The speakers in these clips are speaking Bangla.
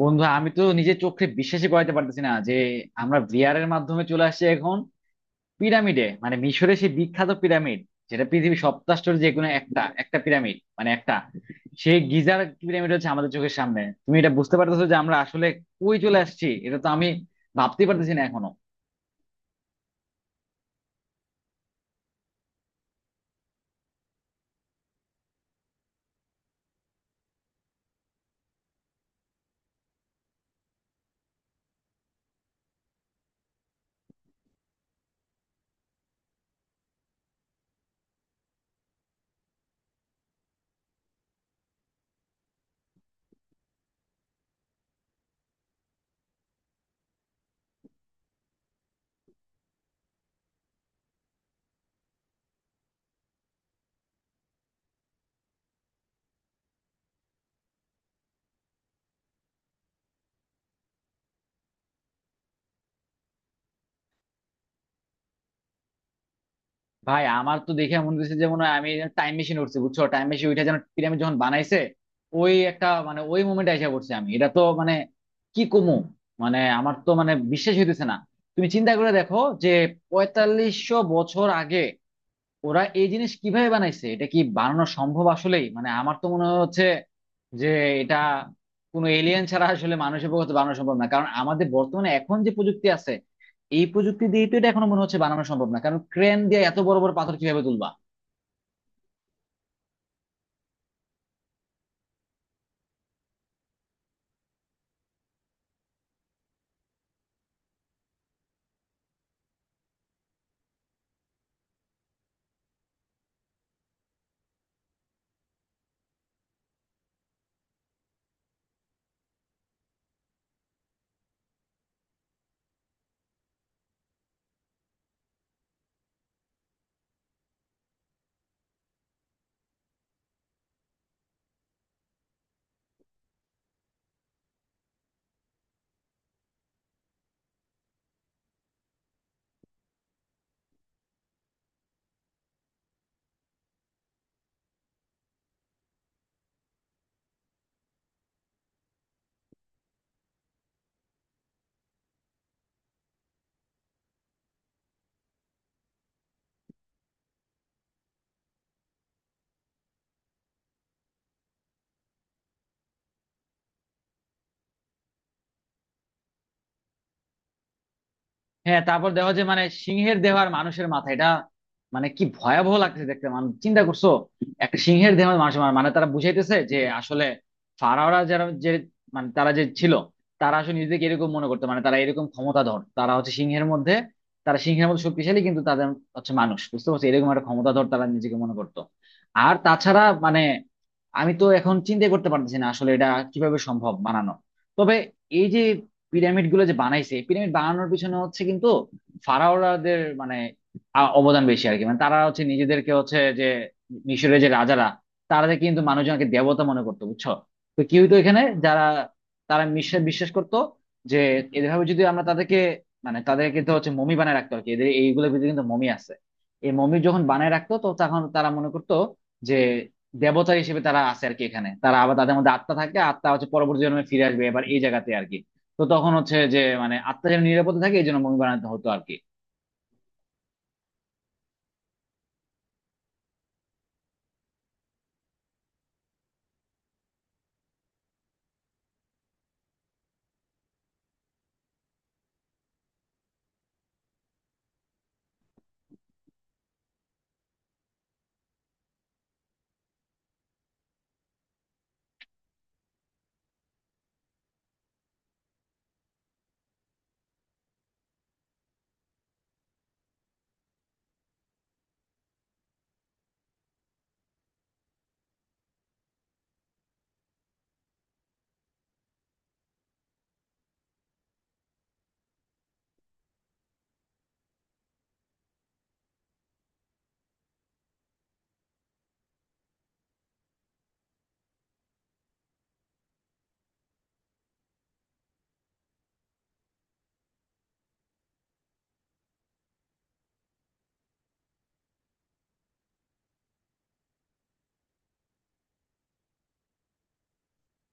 বন্ধু, আমি তো নিজের চোখে বিশ্বাসই করাতে পারতেছি না যে আমরা ভিআর এর মাধ্যমে চলে আসছি এখন পিরামিডে, মানে মিশরের সেই বিখ্যাত পিরামিড, যেটা পৃথিবীর সপ্তাশ্চর্যের যে কোনো একটা একটা পিরামিড, মানে একটা সেই গিজার পিরামিড হচ্ছে আমাদের চোখের সামনে। তুমি এটা বুঝতে পারতেছো যে আমরা আসলে কই চলে আসছি? এটা তো আমি ভাবতেই পারতেছি না এখনো। ভাই, আমার তো দেখে মনে হচ্ছে যে মনে হয় আমি টাইম মেশিন উঠছি, বুঝছো? টাইম মেশিন উঠে যেন পিরামিড যখন বানাইছে ওই একটা, মানে ওই মোমেন্টে এসে পড়ছি আমি। এটা তো মানে কি কমু, মানে আমার তো মানে বিশ্বাস হইতেছে না। তুমি চিন্তা করে দেখো যে 4500 বছর আগে ওরা এই জিনিস কিভাবে বানাইছে, এটা কি বানানো সম্ভব আসলেই? মানে আমার তো মনে হচ্ছে যে এটা কোনো এলিয়েন ছাড়া আসলে মানুষের পক্ষে তো বানানো সম্ভব না, কারণ আমাদের বর্তমানে এখন যে প্রযুক্তি আছে এই প্রযুক্তি দিয়ে তো এটা এখনো মনে হচ্ছে বানানো সম্ভব না, কারণ ক্রেন দিয়ে এত বড় বড় পাথর কিভাবে তুলবা? হ্যাঁ, তারপর দেখো যে মানে সিংহের দেহ আর মানুষের মাথা, এটা মানে কি ভয়াবহ লাগতেছে দেখতে, মানে চিন্তা করছো একটা সিংহের দেহ আর মানুষের মাথা, মানে তারা বুঝাইতেছে যে আসলে ফারাওরা যারা, যে মানে তারা যে ছিল, তারা আসলে নিজেদেরকে এরকম মনে করতো, মানে তারা এরকম ক্ষমতাধর, তারা হচ্ছে সিংহের মধ্যে, তারা সিংহের মতো শক্তিশালী, কিন্তু তাদের হচ্ছে মানুষ, বুঝতে পারছো? এরকম একটা ক্ষমতাধর তারা নিজেকে মনে করতো। আর তাছাড়া মানে আমি তো এখন চিন্তা করতে পারতেছি না আসলে এটা কিভাবে সম্ভব বানানো। তবে এই যে পিরামিড গুলো যে বানাইছে, পিরামিড বানানোর পিছনে হচ্ছে কিন্তু ফারাওরাদের মানে অবদান বেশি আর কি। মানে তারা হচ্ছে নিজেদেরকে হচ্ছে যে মিশরের যে রাজারা, তারা যে কিন্তু মানুষজনকে দেবতা মনে করতো, বুঝছো? তো কি হইতো, এখানে যারা তারা মিশরে বিশ্বাস করতো যে এভাবে যদি আমরা তাদেরকে, মানে তাদেরকে তো হচ্ছে মমি বানায় রাখতো আর কি, এদের এইগুলোর ভিতরে কিন্তু মমি আছে। এই মমি যখন বানায় রাখতো তো তখন তারা মনে করতো যে দেবতা হিসেবে তারা আছে আর কি। এখানে তারা আবার তাদের মধ্যে আত্মা থাকে, আত্মা হচ্ছে পরবর্তী জন্মে ফিরে আসবে এবার এই জায়গাতে আর কি। তো তখন হচ্ছে যে মানে আত্মা যেন নিরাপদে থাকে এই জন্য মুভি বানাতে হতো আর কি।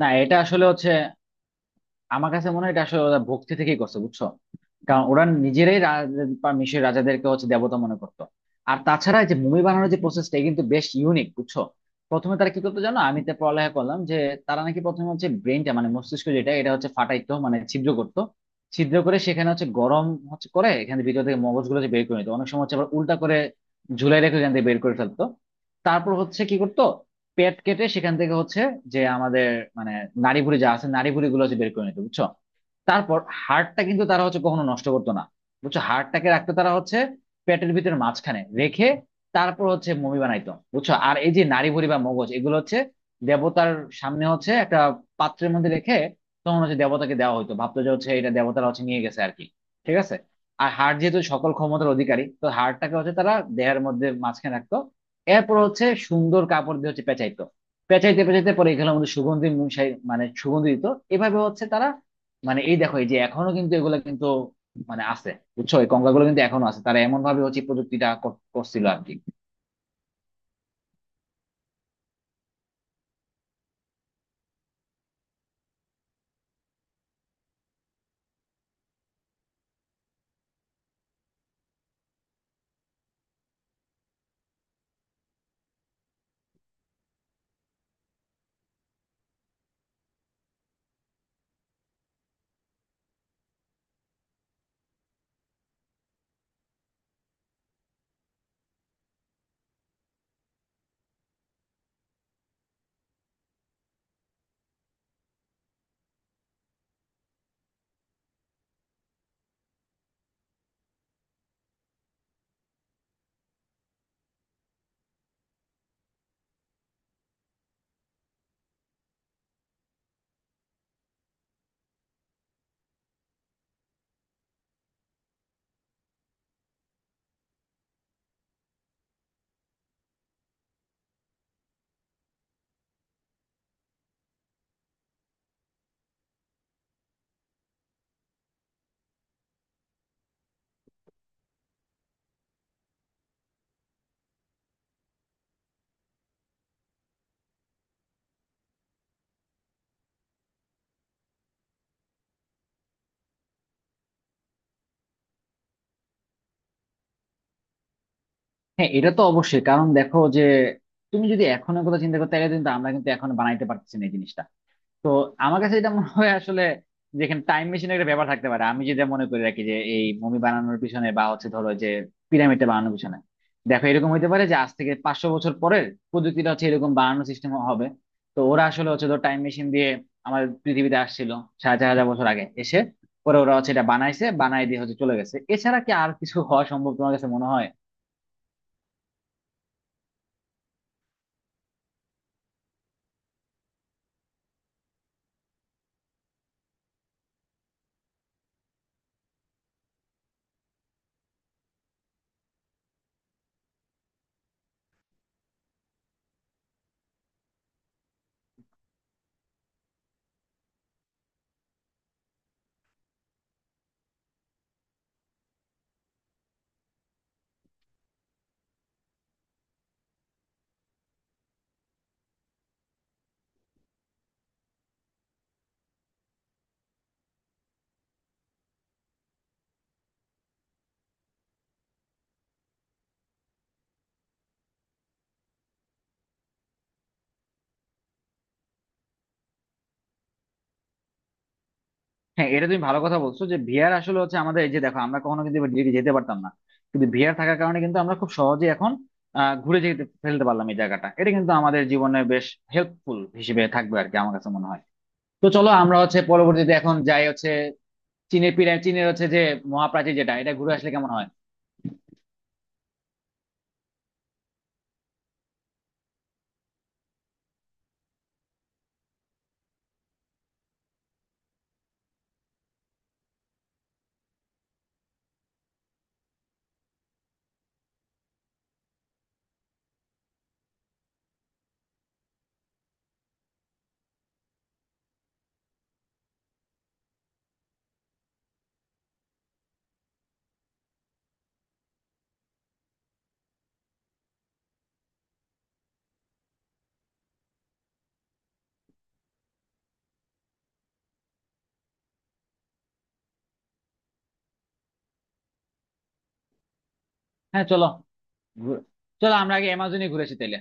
না, এটা আসলে হচ্ছে আমার কাছে মনে হয় এটা আসলে ওরা ভক্তি থেকেই করছে, বুঝছো? কারণ ওরা নিজেরাই বা মিশরের রাজাদেরকে হচ্ছে দেবতা মনে করতো। আর তাছাড়া এই যে মুভি বানানোর যে প্রসেসটা কিন্তু বেশ ইউনিক, বুঝছো? প্রথমে তারা কি করতো জানো? আমি তো পড়ালেখা করলাম যে তারা নাকি প্রথমে হচ্ছে ব্রেনটা মানে মস্তিষ্ক, যেটা এটা হচ্ছে ফাটাইতো মানে ছিদ্র করতো, ছিদ্র করে সেখানে হচ্ছে গরম হচ্ছে করে এখানে ভিতর থেকে মগজগুলো যে বের করে নিত। অনেক সময় হচ্ছে আবার উল্টা করে ঝুলাই রেখে এখান থেকে বের করে ফেলতো। তারপর হচ্ছে কি করতো পেট কেটে সেখান থেকে হচ্ছে যে আমাদের মানে নাড়িভুঁড়ি যা আছে নাড়িভুঁড়ি গুলো হচ্ছে বের করে নিত, বুঝছো? তারপর হাড়টা কিন্তু তারা হচ্ছে কখনো নষ্ট করতো না, বুঝছো? হাড়টাকে রাখতো তারা হচ্ছে পেটের ভিতরে মাঝখানে রেখে। তারপর হচ্ছে মমি বানাইতো, বুঝছো? আর এই যে নাড়িভুঁড়ি বা মগজ, এগুলো হচ্ছে দেবতার সামনে হচ্ছে একটা পাত্রের মধ্যে রেখে তখন হচ্ছে দেবতাকে দেওয়া হতো। ভাবতো যে হচ্ছে এটা দেবতারা হচ্ছে নিয়ে গেছে আর কি। ঠিক আছে। আর হাড় যেহেতু সকল ক্ষমতার অধিকারী, তো হাড়টাকে হচ্ছে তারা দেহের মধ্যে মাঝখানে রাখতো। এরপর হচ্ছে সুন্দর কাপড় দিয়ে হচ্ছে পেঁচাইতো। পেঁচাইতে পেঁচাইতে পরে এগুলো আমাদের সুগন্ধি মশাই মানে সুগন্ধি দিত। এভাবে হচ্ছে তারা, মানে এই দেখো এই যে এখনো কিন্তু এগুলা কিন্তু মানে আছে, বুঝছো? এই কঙ্কালগুলো কিন্তু এখনো আছে। তারা এমন ভাবে হচ্ছে এই প্রযুক্তিটা করছিল আর কি। হ্যাঁ, এটা তো অবশ্যই, কারণ দেখো যে তুমি যদি এখন কথা চিন্তা করতে গেলে কিন্তু আমরা কিন্তু এখন বানাইতে পারতেছি না এই জিনিসটা। তো আমার কাছে এটা মনে হয় আসলে, যেখানে টাইম মেশিনের একটা ব্যাপার থাকতে পারে। আমি যেটা মনে করে রাখি যে এই মুভি বানানোর পিছনে বা হচ্ছে ধরো যে পিরামিডটা বানানোর পিছনে, দেখো, এরকম হতে পারে যে আজ থেকে 500 বছর পরের প্রযুক্তিটা হচ্ছে এরকম বানানোর সিস্টেম হবে। তো ওরা আসলে হচ্ছে ধর টাইম মেশিন দিয়ে আমাদের পৃথিবীতে আসছিল 4500 বছর আগে, এসে পরে ওরা হচ্ছে এটা বানাইছে, বানাই দিয়ে হচ্ছে চলে গেছে। এছাড়া কি আর কিছু হওয়া সম্ভব, তোমার কাছে মনে হয়? হ্যাঁ, এটা তুমি ভালো কথা বলছো যে ভিআর আসলে হচ্ছে আমাদের, এই যে দেখো আমরা কখনো কিন্তু এবার দিল্লি যেতে পারতাম না, কিন্তু ভিআর থাকার কারণে কিন্তু আমরা খুব সহজে এখন আহ, ঘুরে যেতে ফেলতে পারলাম এই জায়গাটা। এটা কিন্তু আমাদের জীবনে বেশ হেল্পফুল হিসেবে থাকবে আর কি, আমার কাছে মনে হয়। তো চলো আমরা হচ্ছে পরবর্তীতে এখন যাই হচ্ছে চীনের পিরামিড, চীনের হচ্ছে যে মহাপ্রাচীর যেটা, এটা ঘুরে আসলে কেমন হয়? হ্যাঁ চলো, ঘুরে- চলো আমরা আগে অ্যামাজনে ঘুরে আসি তাহলে।